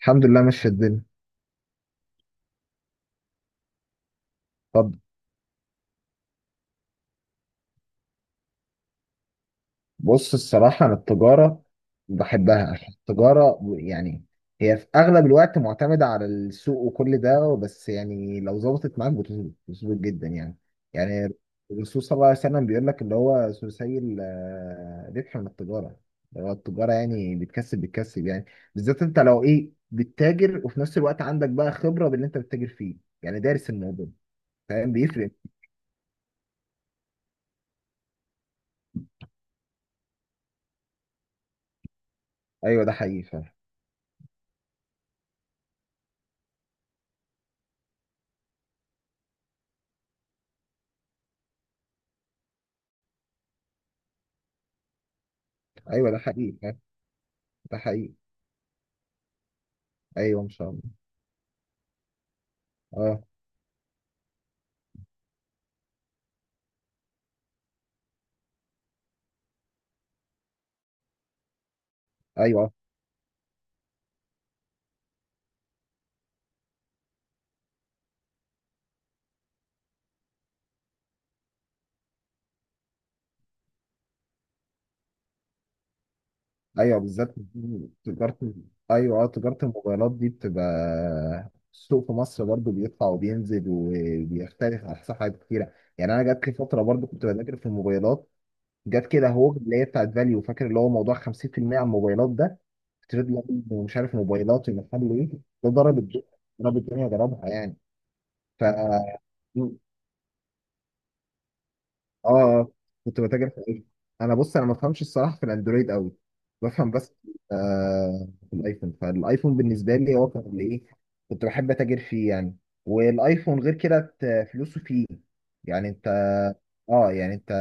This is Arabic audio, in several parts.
الحمد لله ماشية الدنيا. طب. بص، الصراحة أنا التجارة بحبها عشان التجارة، يعني هي في أغلب الوقت معتمدة على السوق وكل ده. بس يعني لو ظبطت معاك بتظبط جدا يعني. يعني الرسول صلى الله عليه وسلم بيقول لك اللي هو ثلثي الربح من التجارة، اللي هو التجارة يعني بتكسب يعني. بالذات أنت لو إيه بتتاجر وفي نفس الوقت عندك بقى خبرة باللي أنت بتتاجر فيه، يعني دارس الموضوع، فاهم بيفرق. أيوه ده حقيقي فاهم. أيوه ده حقيقي فاهم، ده حقيقي. ايوه ان شاء الله. اه ايوه ايوه. بالذات تجاره، ايوه اه، تجاره الموبايلات دي بتبقى، السوق في مصر برضو بيطلع وبينزل وبيختلف على حسب حاجات كتيره يعني. انا جات لي فتره برضو كنت بذاكر في الموبايلات، جت كده هوج اللي هي بتاعت فاليو، فاكر اللي هو موضوع 50% على الموبايلات ده، تريد لاين ومش عارف موبايلات ومحل ايه. ده ضرب الدنيا ضربها يعني. ف اه اه كنت بتاجر في الايفون. انا بص، انا ما بفهمش الصراحه في الاندرويد قوي، بفهم بس. في الايفون، فالايفون بالنسبه لي هو كان اللي ايه، كنت بحب اتاجر فيه يعني. والايفون غير كده، فلوسه فيه يعني. انت اه يعني انت،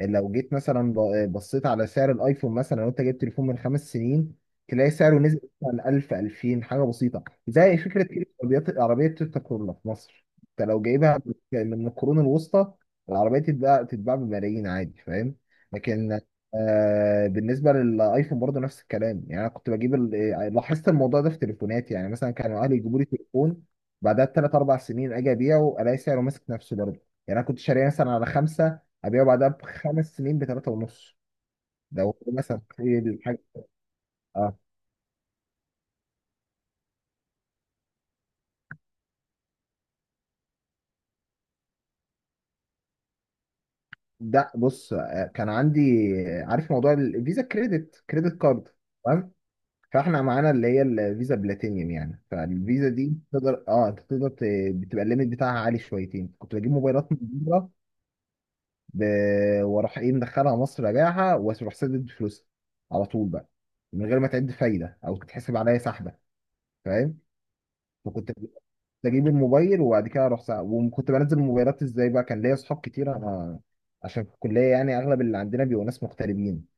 لو جيت مثلا بصيت على سعر الايفون مثلا، لو انت جبت تليفون من خمس سنين تلاقي سعره نزل مثلا 1000، 2000 حاجه بسيطه. زي فكره كده عربيات، عربيه تويوتا كورولا في مصر انت لو جايبها من القرون الوسطى، العربيه تتباع تتباع بملايين عادي، فاهم. لكن بالنسبه للايفون برضه نفس الكلام، يعني انا كنت بجيب لاحظت الموضوع ده في تليفوناتي. يعني مثلا كانوا اهلي يجيبوا لي تليفون بعدها بثلاث اربع سنين اجي ابيعه الاقي سعره ماسك نفسه برضه. يعني انا كنت شاريه مثلا على خمسه، ابيعه بعدها بخمس سنين بثلاثه ونص. لو مثلا هي دي الحاجه. اه، ده بص، كان عندي. عارف موضوع الفيزا، كريدت كارد، تمام. فاحنا معانا اللي هي الفيزا بلاتينيوم يعني، فالفيزا دي تقدر، انت تقدر، بتبقى الليميت بتاعها عالي شويتين. كنت بجيب موبايلات من بره، ب... واروح ايه مدخلها مصر، ابيعها واروح سدد فلوسها على طول بقى، من غير ما تعد فايده او تتحسب عليا سحبه، فاهم. فكنت اجيب الموبال، وبعد كده اروح ساعة وكنت بنزل الموبايلات. ازاي بقى؟ كان ليا اصحاب كتير انا، عشان في الكليه يعني اغلب اللي عندنا بيبقوا ناس مغتربين.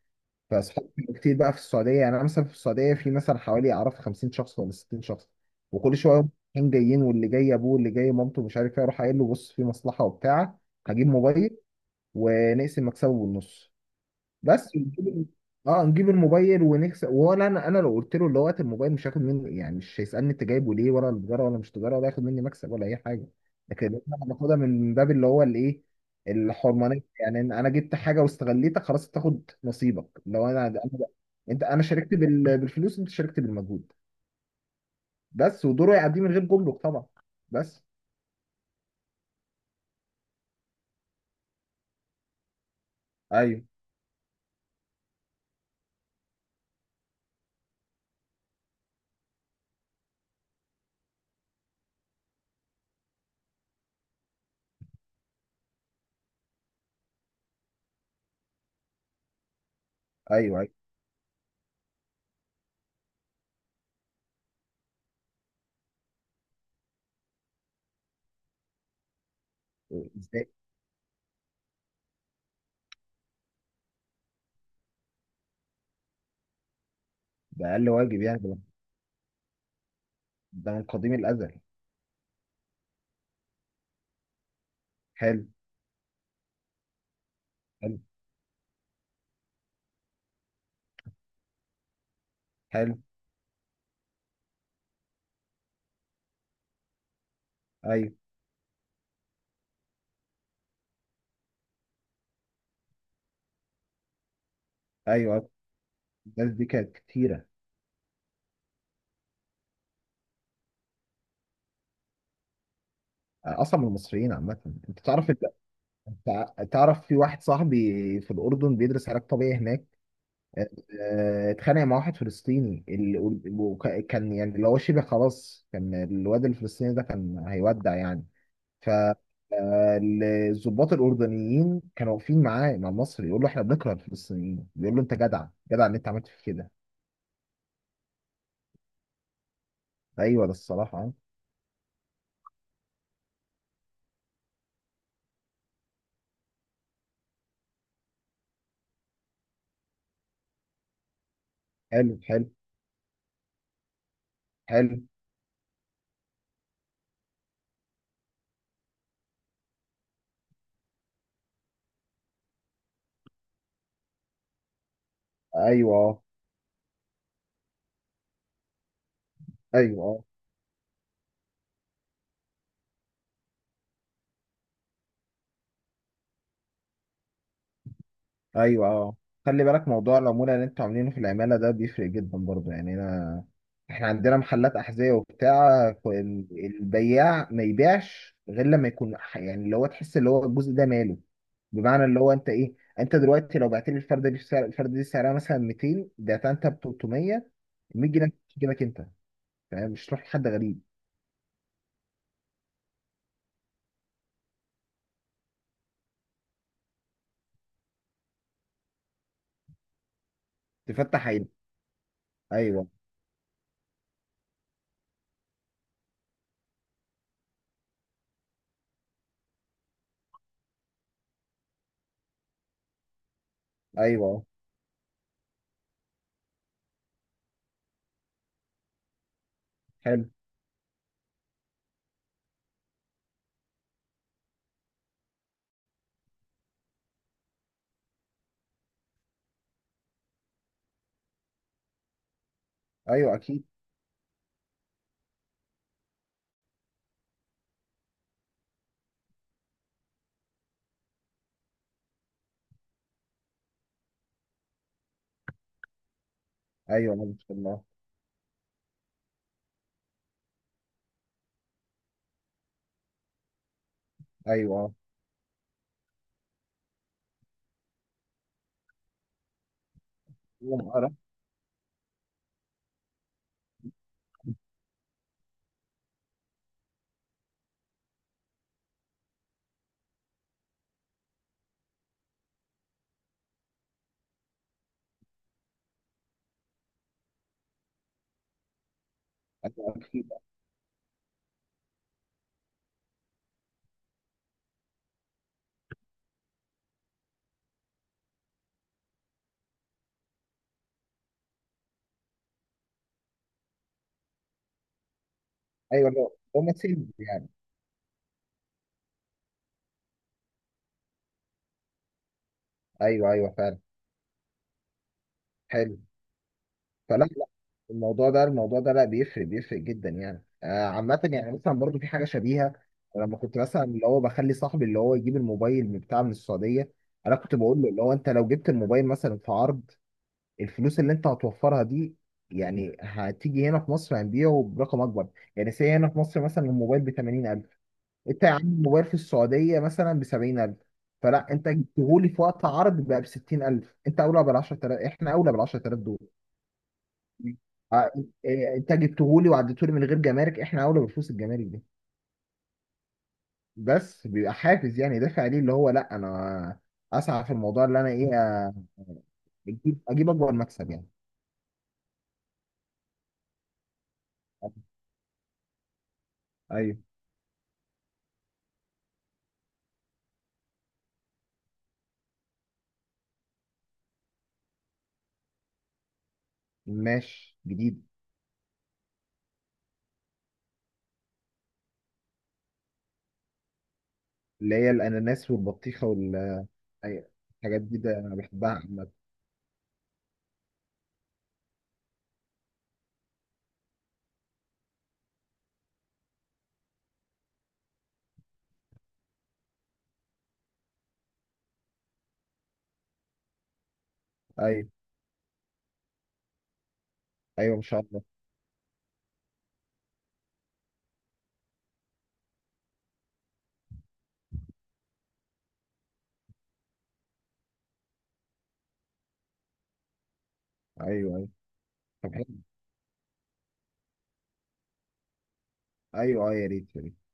فاصحاب كتير بقى في السعوديه، يعني انا مثلا في السعوديه في مثلا حوالي اعرف 50 شخص ولا 60 شخص، وكل شويه يوم رايحين جايين، واللي جاي ابوه واللي جاي مامته مش عارف ايه، اروح قايل له بص في مصلحه وبتاع، هجيب موبايل ونقسم مكسبه بالنص. بس نجيب الموبايل ونكسب. ولا انا، لو قلت له اللي هو هات الموبايل مش هاخد منه، يعني مش هيسالني انت جايبه ليه، ولا التجاره ولا مش تجاره، ولا هياخد مني مكسب ولا اي حاجه. لكن انا باخدها من باب اللي هو الايه، الحرمانيه، يعني إن انا جبت حاجه واستغليتك خلاص، تاخد نصيبك. لو انا انت، انا شاركت بالفلوس، انت شاركت بالمجهود، بس ودوره يعديه من غير جمرك طبعا. بس ايوه. ايوه ايوه، ازاي. ده اقل واجب يعني ده، ده من قديم الازل. حلو حلو حلو. ايوه ايوه. الناس دي كانت كتيرة. آه، أصلا من المصريين عامة. أنت تعرف أنت أنت تعرف في واحد صاحبي في الأردن بيدرس علاج طبيعي هناك. آه، اتخانق مع واحد فلسطيني، وكان يعني اللي هو شبه خلاص، كان الواد الفلسطيني ده كان هيودع يعني. ف آه، الضباط الأردنيين كانوا واقفين معاه مع المصري، يقول له إحنا بنكره الفلسطينيين، بيقول له أنت جدع جدع إن أنت عملت في كده. أيوه ده الصراحة. حلو حلو حلو. أيوه أيوه. ايوه اه. خلي بالك موضوع العمولة اللي انتوا عاملينه في العمالة ده بيفرق جدا برضه يعني. انا، احنا عندنا محلات احذية وبتاع، البياع ما يبيعش غير لما يكون، يعني اللي هو تحس اللي هو الجزء ده ماله. بمعنى اللي هو انت ايه، انت دلوقتي لو بعت لي الفردة دي بسعر، الفردة دي سعرها مثلا 200، بعتها انت ب 300، 100 جنيه تجيبك انت، فاهم، مش تروح لحد غريب. تفتح عينك. ايوه ايوه. حلو. ايوه اكيد. ايوه، آه، ما شاء الله. ايوه، يوم قرا، ايوه أكيد. ايوه، لو ما تسيب يعني. ايوه ايوه فعلا. حلو. فلا لا. الموضوع ده الموضوع ده لا بيفرق بيفرق جدا يعني، عامة يعني مثلا برضو في حاجة شبيهة. لما كنت مثلا اللي هو بخلي صاحبي اللي هو يجيب الموبايل من بتاع من السعودية، انا كنت بقول له اللي هو انت لو جبت الموبايل مثلا في عرض، الفلوس اللي انت هتوفرها دي يعني هتيجي هنا في مصر هنبيعه برقم اكبر. يعني سي هنا في مصر مثلا الموبايل ب 80,000، انت يا عم موبايل في السعوديه مثلا ب 70,000، فلا انت جبتهولي في وقت عرض بقى ب 60,000، انت اولى بال 10,000 احنا اولى بال 10,000 دول. اه، اه، انت جبتهولي وعديتهولي من غير جمارك، احنا اولى بفلوس الجمارك دي. بس بيبقى حافز يعني دافع ليه، اللي هو لا، انا اسعى في الموضوع اللي انا ايه، اجيب اكبر مكسب يعني. ايوه ماشي جديد. اللي هي الاناناس والبطيخه ايوه الحاجات دي، ده انا بحبها عامه. ايوه ايوه ان شاء الله. ايوه ايوه. طب، ايوه اه، يا ريت يا ريت.